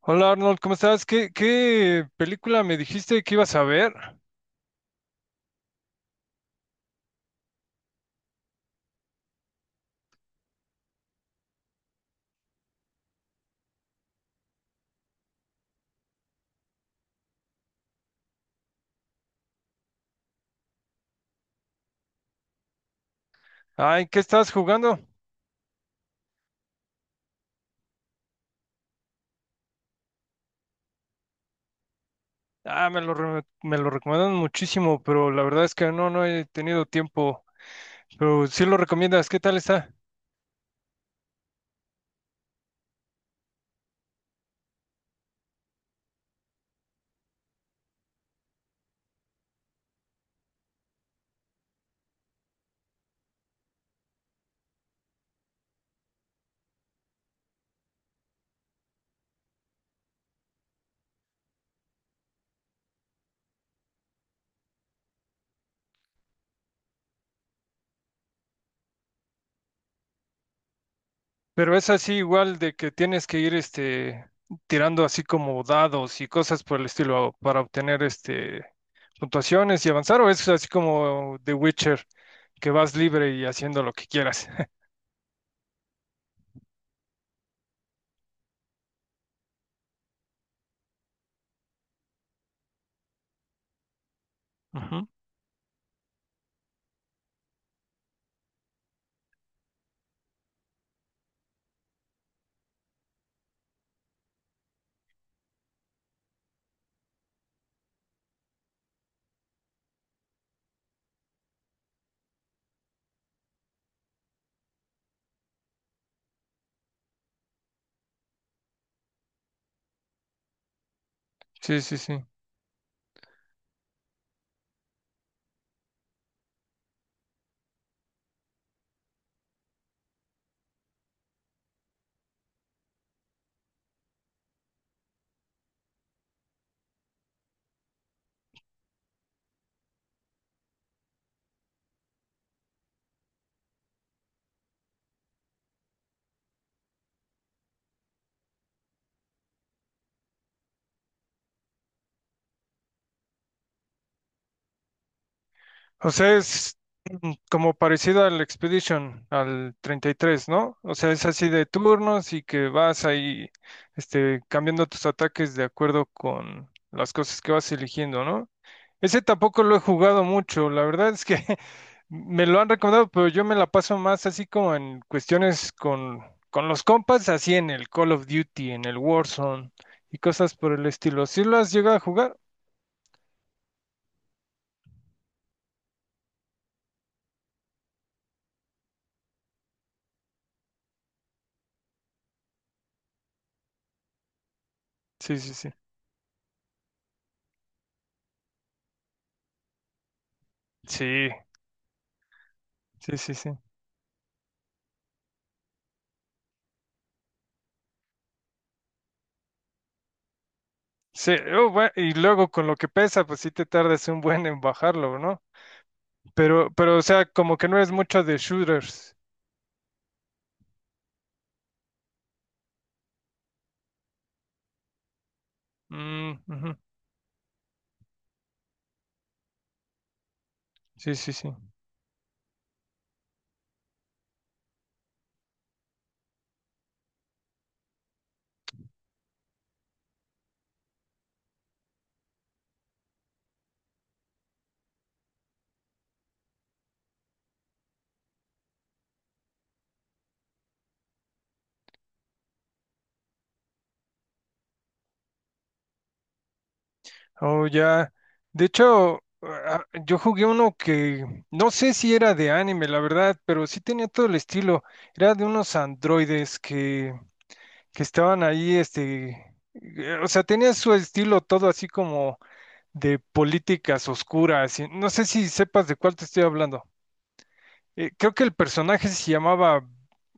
Hola Arnold, ¿cómo estás? ¿Qué película me dijiste que ibas a ver? Ay, ¿qué estás jugando? Ah, me lo recomendaron muchísimo, pero la verdad es que no he tenido tiempo. Pero sí lo recomiendas, ¿qué tal está? Pero es así igual de que tienes que ir tirando así como dados y cosas por el estilo para obtener puntuaciones y avanzar, o es así como The Witcher, que vas libre y haciendo lo que quieras. Ujú. Sí, sí, sí. O sea, es como parecido al Expedition, al 33, ¿no? O sea, es así de turnos y que vas ahí, cambiando tus ataques de acuerdo con las cosas que vas eligiendo, ¿no? Ese tampoco lo he jugado mucho, la verdad es que me lo han recomendado, pero yo me la paso más así como en cuestiones con los compas, así en el Call of Duty, en el Warzone y cosas por el estilo. ¿Sí lo has llegado a jugar? Sí, sí, sí. Sí, sí, sí, sí. Sí, oh, y luego con lo que pesa, pues sí te tardas un buen en bajarlo, ¿no? Pero, o sea, como que no eres mucho de shooters. Mm, ujú. Sí, sí, sí. Oh, ya. De hecho, ah, yo jugué uno que no sé si era de anime, la verdad, pero sí tenía todo el estilo. Era de unos androides que estaban ahí, o sea, tenía su estilo todo así como de políticas oscuras. Y no sé si sepas de cuál te estoy hablando. Creo que el personaje se llamaba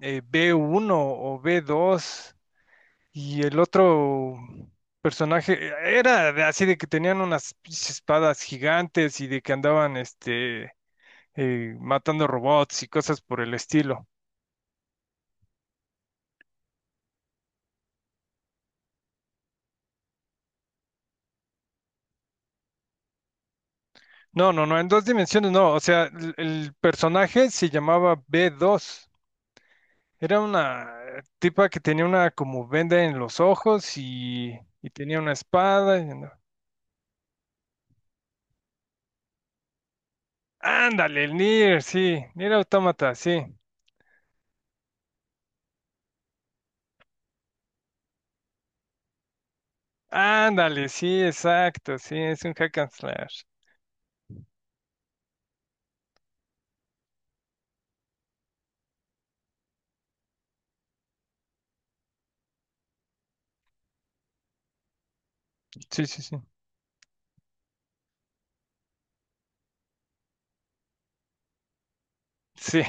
B1 o B2 y el otro personaje era así de que tenían unas pinches espadas gigantes y de que andaban matando robots y cosas por el estilo. No, no, no, en dos dimensiones no. O sea, el personaje se llamaba B2. Era una tipa que tenía una como venda en los ojos y tenía una espada. Ándale, el Nier, sí. Nier Automata, sí. Ándale, sí, exacto, sí, es un hack and slash. Sí, sí, sí. Sí,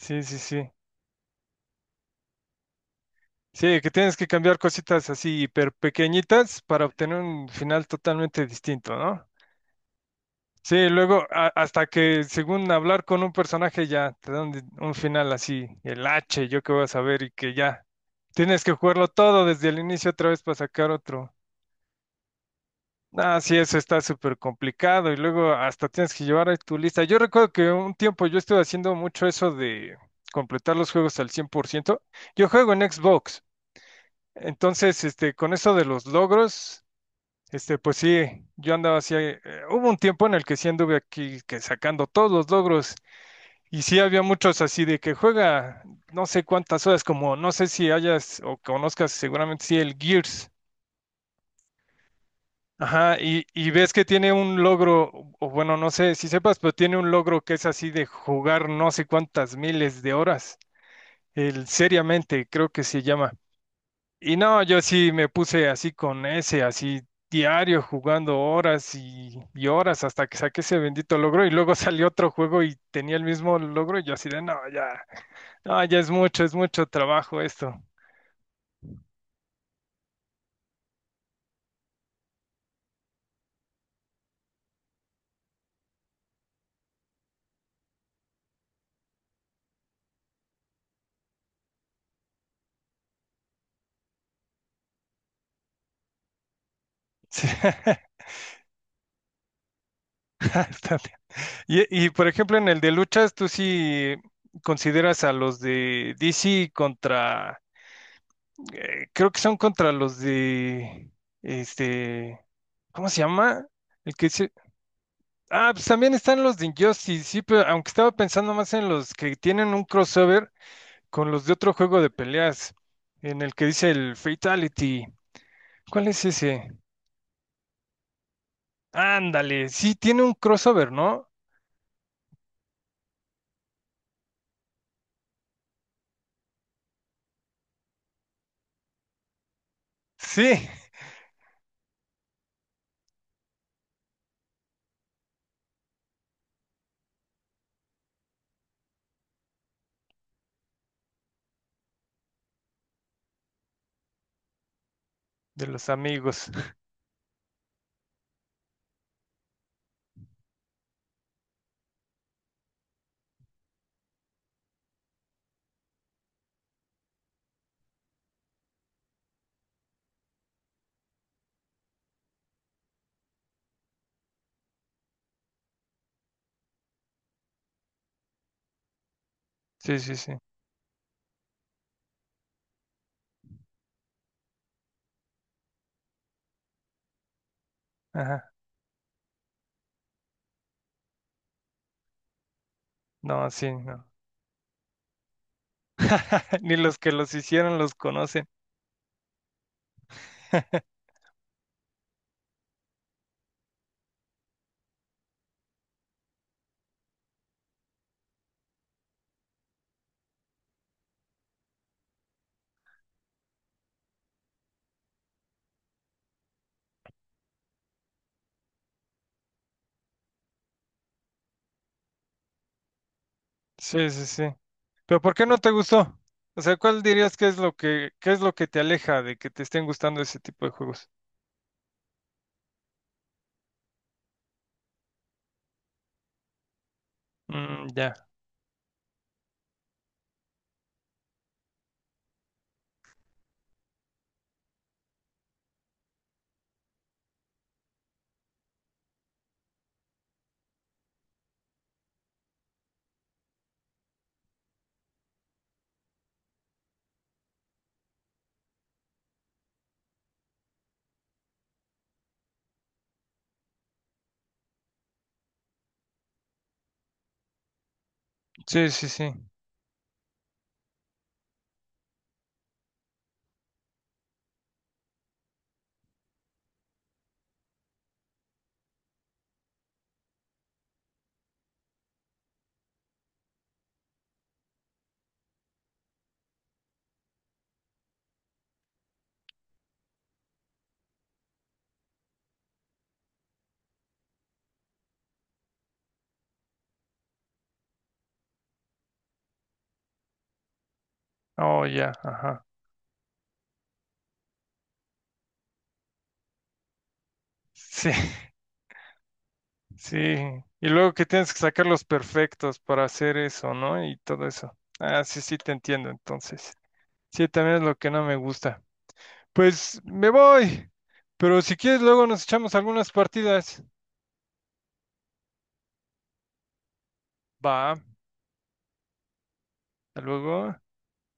sí, sí, sí. Sí, que tienes que cambiar cositas así hiper pequeñitas para obtener un final totalmente distinto, ¿no? Sí, luego hasta que según hablar con un personaje ya te dan un final así, el H, yo qué voy a saber y que ya tienes que jugarlo todo desde el inicio otra vez para sacar otro. Ah, sí, eso está súper complicado y luego hasta tienes que llevar ahí tu lista. Yo recuerdo que un tiempo yo estuve haciendo mucho eso de completar los juegos al 100%. Yo juego en Xbox. Entonces, con eso de los logros, pues sí, yo andaba así, hubo un tiempo en el que sí anduve aquí que sacando todos los logros y sí había muchos así de que juega no sé cuántas horas, como no sé si hayas o conozcas seguramente sí el Gears. Ajá, y ves que tiene un logro, o bueno, no sé si sepas, pero tiene un logro que es así de jugar no sé cuántas miles de horas, el seriamente creo que se llama. Y no, yo sí me puse así con ese, así diario jugando horas y horas hasta que saqué ese bendito logro y luego salió otro juego y tenía el mismo logro y yo así de, no, ya, no, ya es mucho trabajo esto. Sí, bastante. Y por ejemplo, en el de luchas, tú sí consideras a los de DC contra, creo que son contra los de, este, ¿cómo se llama? El que es Ah, pues también están los de Injustice, sí, pero aunque estaba pensando más en los que tienen un crossover con los de otro juego de peleas, en el que dice el Fatality. ¿Cuál es ese? Ándale, sí, tiene un crossover, ¿no? Sí, de los amigos. Sí, sí, sí. Ajá. No, sí, no. Ni los que los hicieron los conocen. Sí, sí, sí. Pero ¿por qué no te gustó? O sea, ¿cuál dirías que qué es lo que te aleja de que te estén gustando ese tipo de juegos? Mm, ya. Sí, sí, sí. Oh, ya, ajá. Sí, sí. Y luego que tienes que sacar los perfectos para hacer eso, ¿no? Y todo eso. Ah, sí, sí, te entiendo, entonces. Sí, también es lo que no me gusta. Pues me voy. Pero si quieres, luego nos echamos algunas partidas. Va, hasta luego.